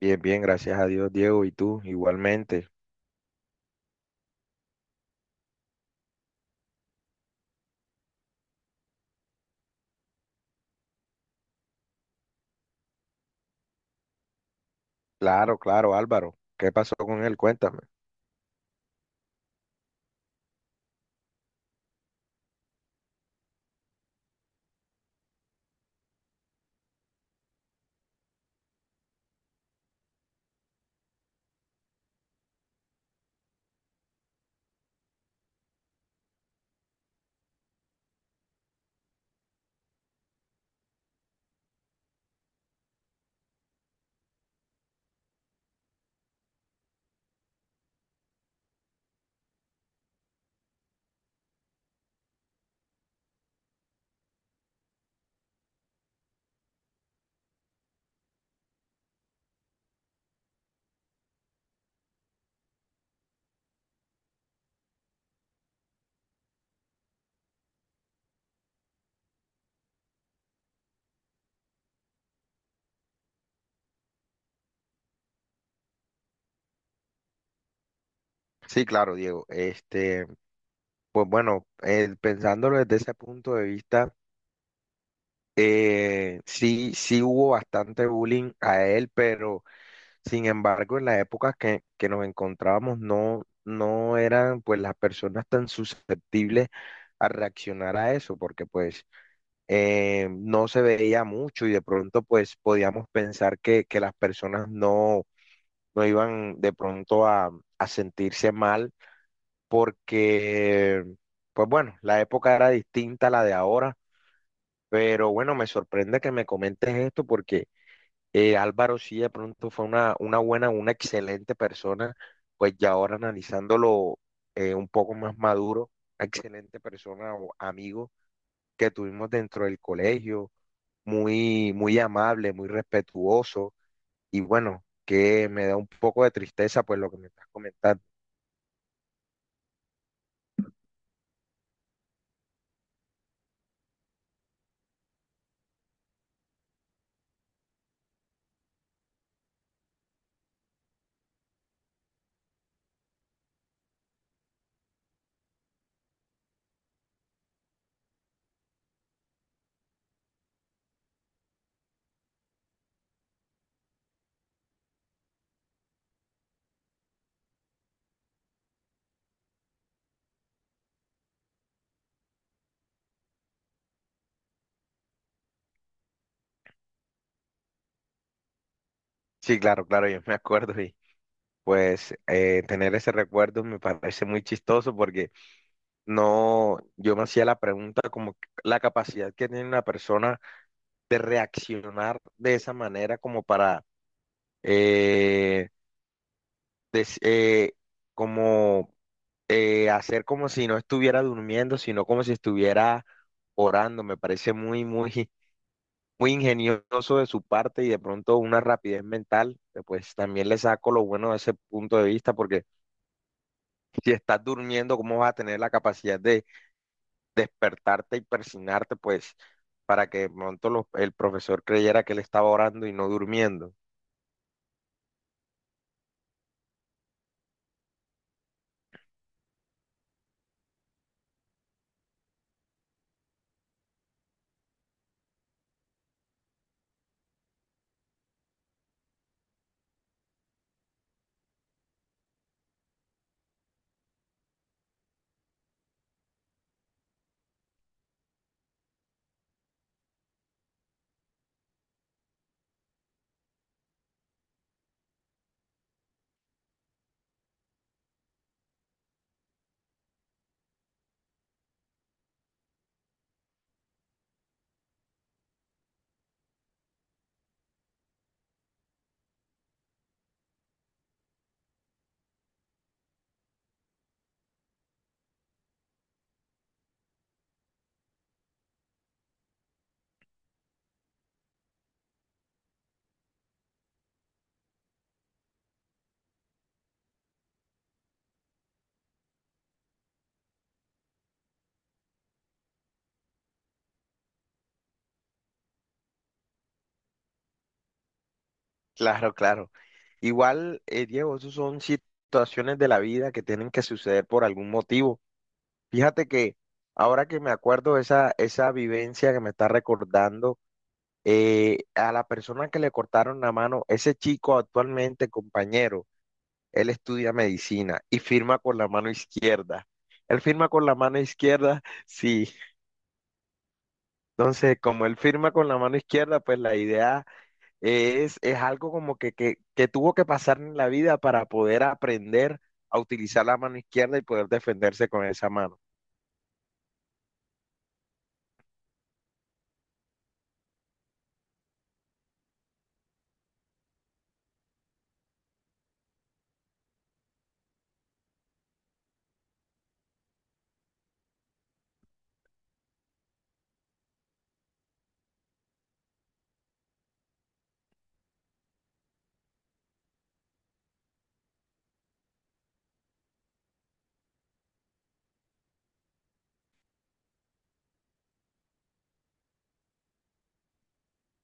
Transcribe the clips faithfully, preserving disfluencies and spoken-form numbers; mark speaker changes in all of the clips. Speaker 1: Bien, bien, gracias a Dios, Diego, y tú igualmente. Claro, claro, Álvaro. ¿Qué pasó con él? Cuéntame. Sí, claro, Diego. Este, pues bueno, eh, pensándolo desde ese punto de vista, eh, sí, sí hubo bastante bullying a él, pero sin embargo, en las épocas que, que nos encontrábamos, no, no eran pues las personas tan susceptibles a reaccionar a eso, porque pues eh, no se veía mucho y de pronto pues podíamos pensar que, que las personas no, no iban de pronto a, a sentirse mal porque pues bueno, la época era distinta a la de ahora, pero bueno, me sorprende que me comentes esto porque eh, Álvaro sí de pronto fue una, una buena, una excelente persona, pues ya ahora analizándolo eh, un poco más maduro, excelente persona o amigo que tuvimos dentro del colegio muy, muy amable, muy respetuoso y bueno, que me da un poco de tristeza pues lo que me estás comentando. Sí, claro, claro, yo me acuerdo y pues eh, tener ese recuerdo me parece muy chistoso porque no, yo me hacía la pregunta como que la capacidad que tiene una persona de reaccionar de esa manera como para eh, des- eh, como eh, hacer como si no estuviera durmiendo, sino como si estuviera orando. Me parece muy, muy, muy ingenioso de su parte y de pronto una rapidez mental, eh, pues también le saco lo bueno de ese punto de vista, porque si estás durmiendo, ¿cómo vas a tener la capacidad de despertarte y persignarte, pues, para que de pronto los- el profesor creyera que él estaba orando y no durmiendo? Claro, claro. Igual, eh, Diego, esas son situaciones de la vida que tienen que suceder por algún motivo. Fíjate que ahora que me acuerdo de esa, esa vivencia que me está recordando, eh, a la persona que le cortaron la mano, ese chico actualmente, compañero, él estudia medicina y firma con la mano izquierda. Él firma con la mano izquierda, sí. Entonces, como él firma con la mano izquierda, pues la idea es, es algo como que, que, que tuvo que pasar en la vida para poder aprender a utilizar la mano izquierda y poder defenderse con esa mano.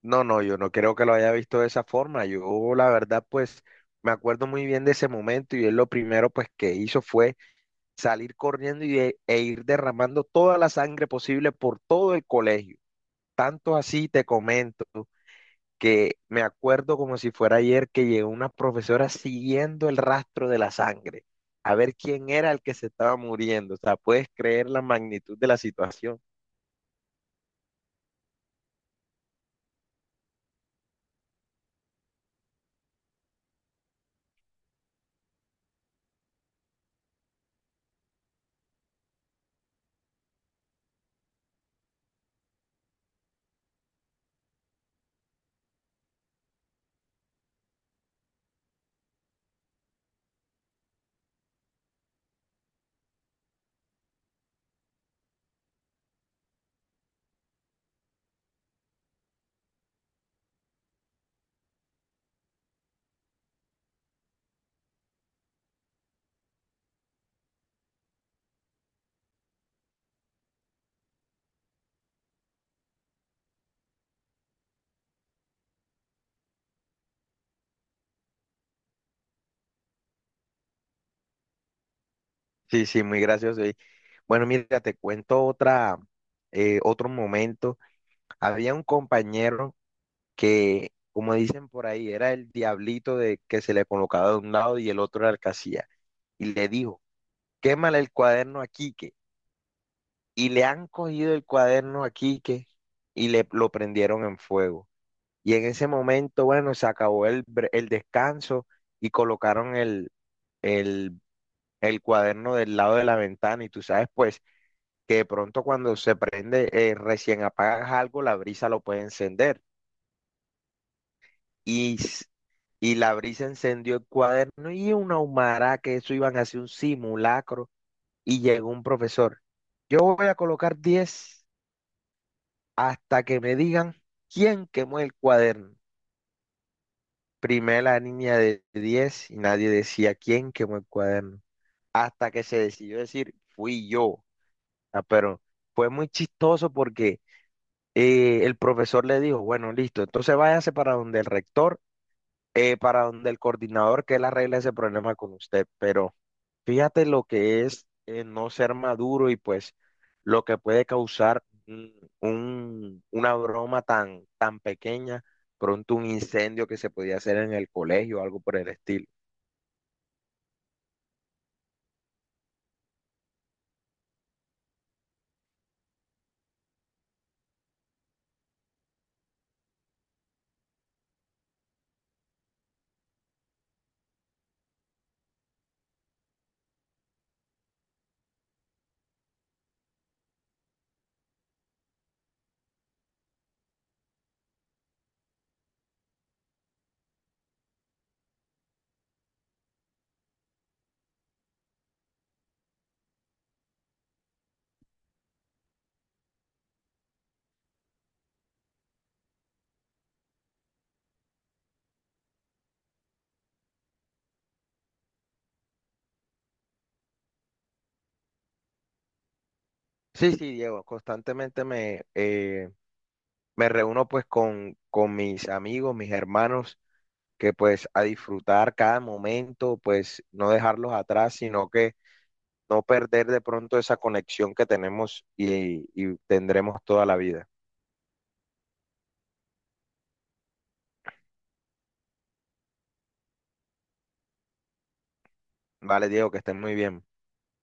Speaker 1: No, no, yo no creo que lo haya visto de esa forma. Yo, la verdad, pues me acuerdo muy bien de ese momento y él lo primero pues que hizo fue salir corriendo y de- e ir derramando toda la sangre posible por todo el colegio. Tanto así te comento que me acuerdo como si fuera ayer que llegó una profesora siguiendo el rastro de la sangre, a ver quién era el que se estaba muriendo. O sea, puedes creer la magnitud de la situación. Sí, sí, muy gracioso. Y bueno, mira, te cuento otra, eh, otro momento. Había un compañero que, como dicen por ahí, era el diablito de que se le colocaba de un lado y el otro era el que hacía. Y le dijo, quémale el cuaderno a Quique. Y le han cogido el cuaderno a Quique y le lo prendieron en fuego. Y en ese momento, bueno, se acabó el, bre- el descanso y colocaron el, el, el cuaderno del lado de la ventana. Y tú sabes, pues, que de pronto cuando se prende, eh, recién apagas algo, la brisa lo puede encender. y, s- y la brisa encendió el cuaderno y una humarada que eso iban a hacer un simulacro y llegó un profesor. Yo voy a colocar diez hasta que me digan quién quemó el cuaderno. Primero la niña de diez y nadie decía quién quemó el cuaderno. Hasta que se decidió decir, fui yo. Ah, pero fue muy chistoso porque eh, el profesor le dijo, bueno, listo, entonces váyase para donde el rector eh, para donde el coordinador que él arregle ese problema con usted. Pero fíjate lo que es eh, no ser maduro y pues lo que puede causar un- un- una broma tan, tan pequeña, pronto un incendio que se podía hacer en el colegio o algo por el estilo. Sí, sí, Diego, constantemente me, eh, me reúno pues con, con mis amigos, mis hermanos, que pues a disfrutar cada momento, pues no dejarlos atrás, sino que no perder de pronto esa conexión que tenemos y, y tendremos toda la vida. Vale, Diego, que estén muy bien.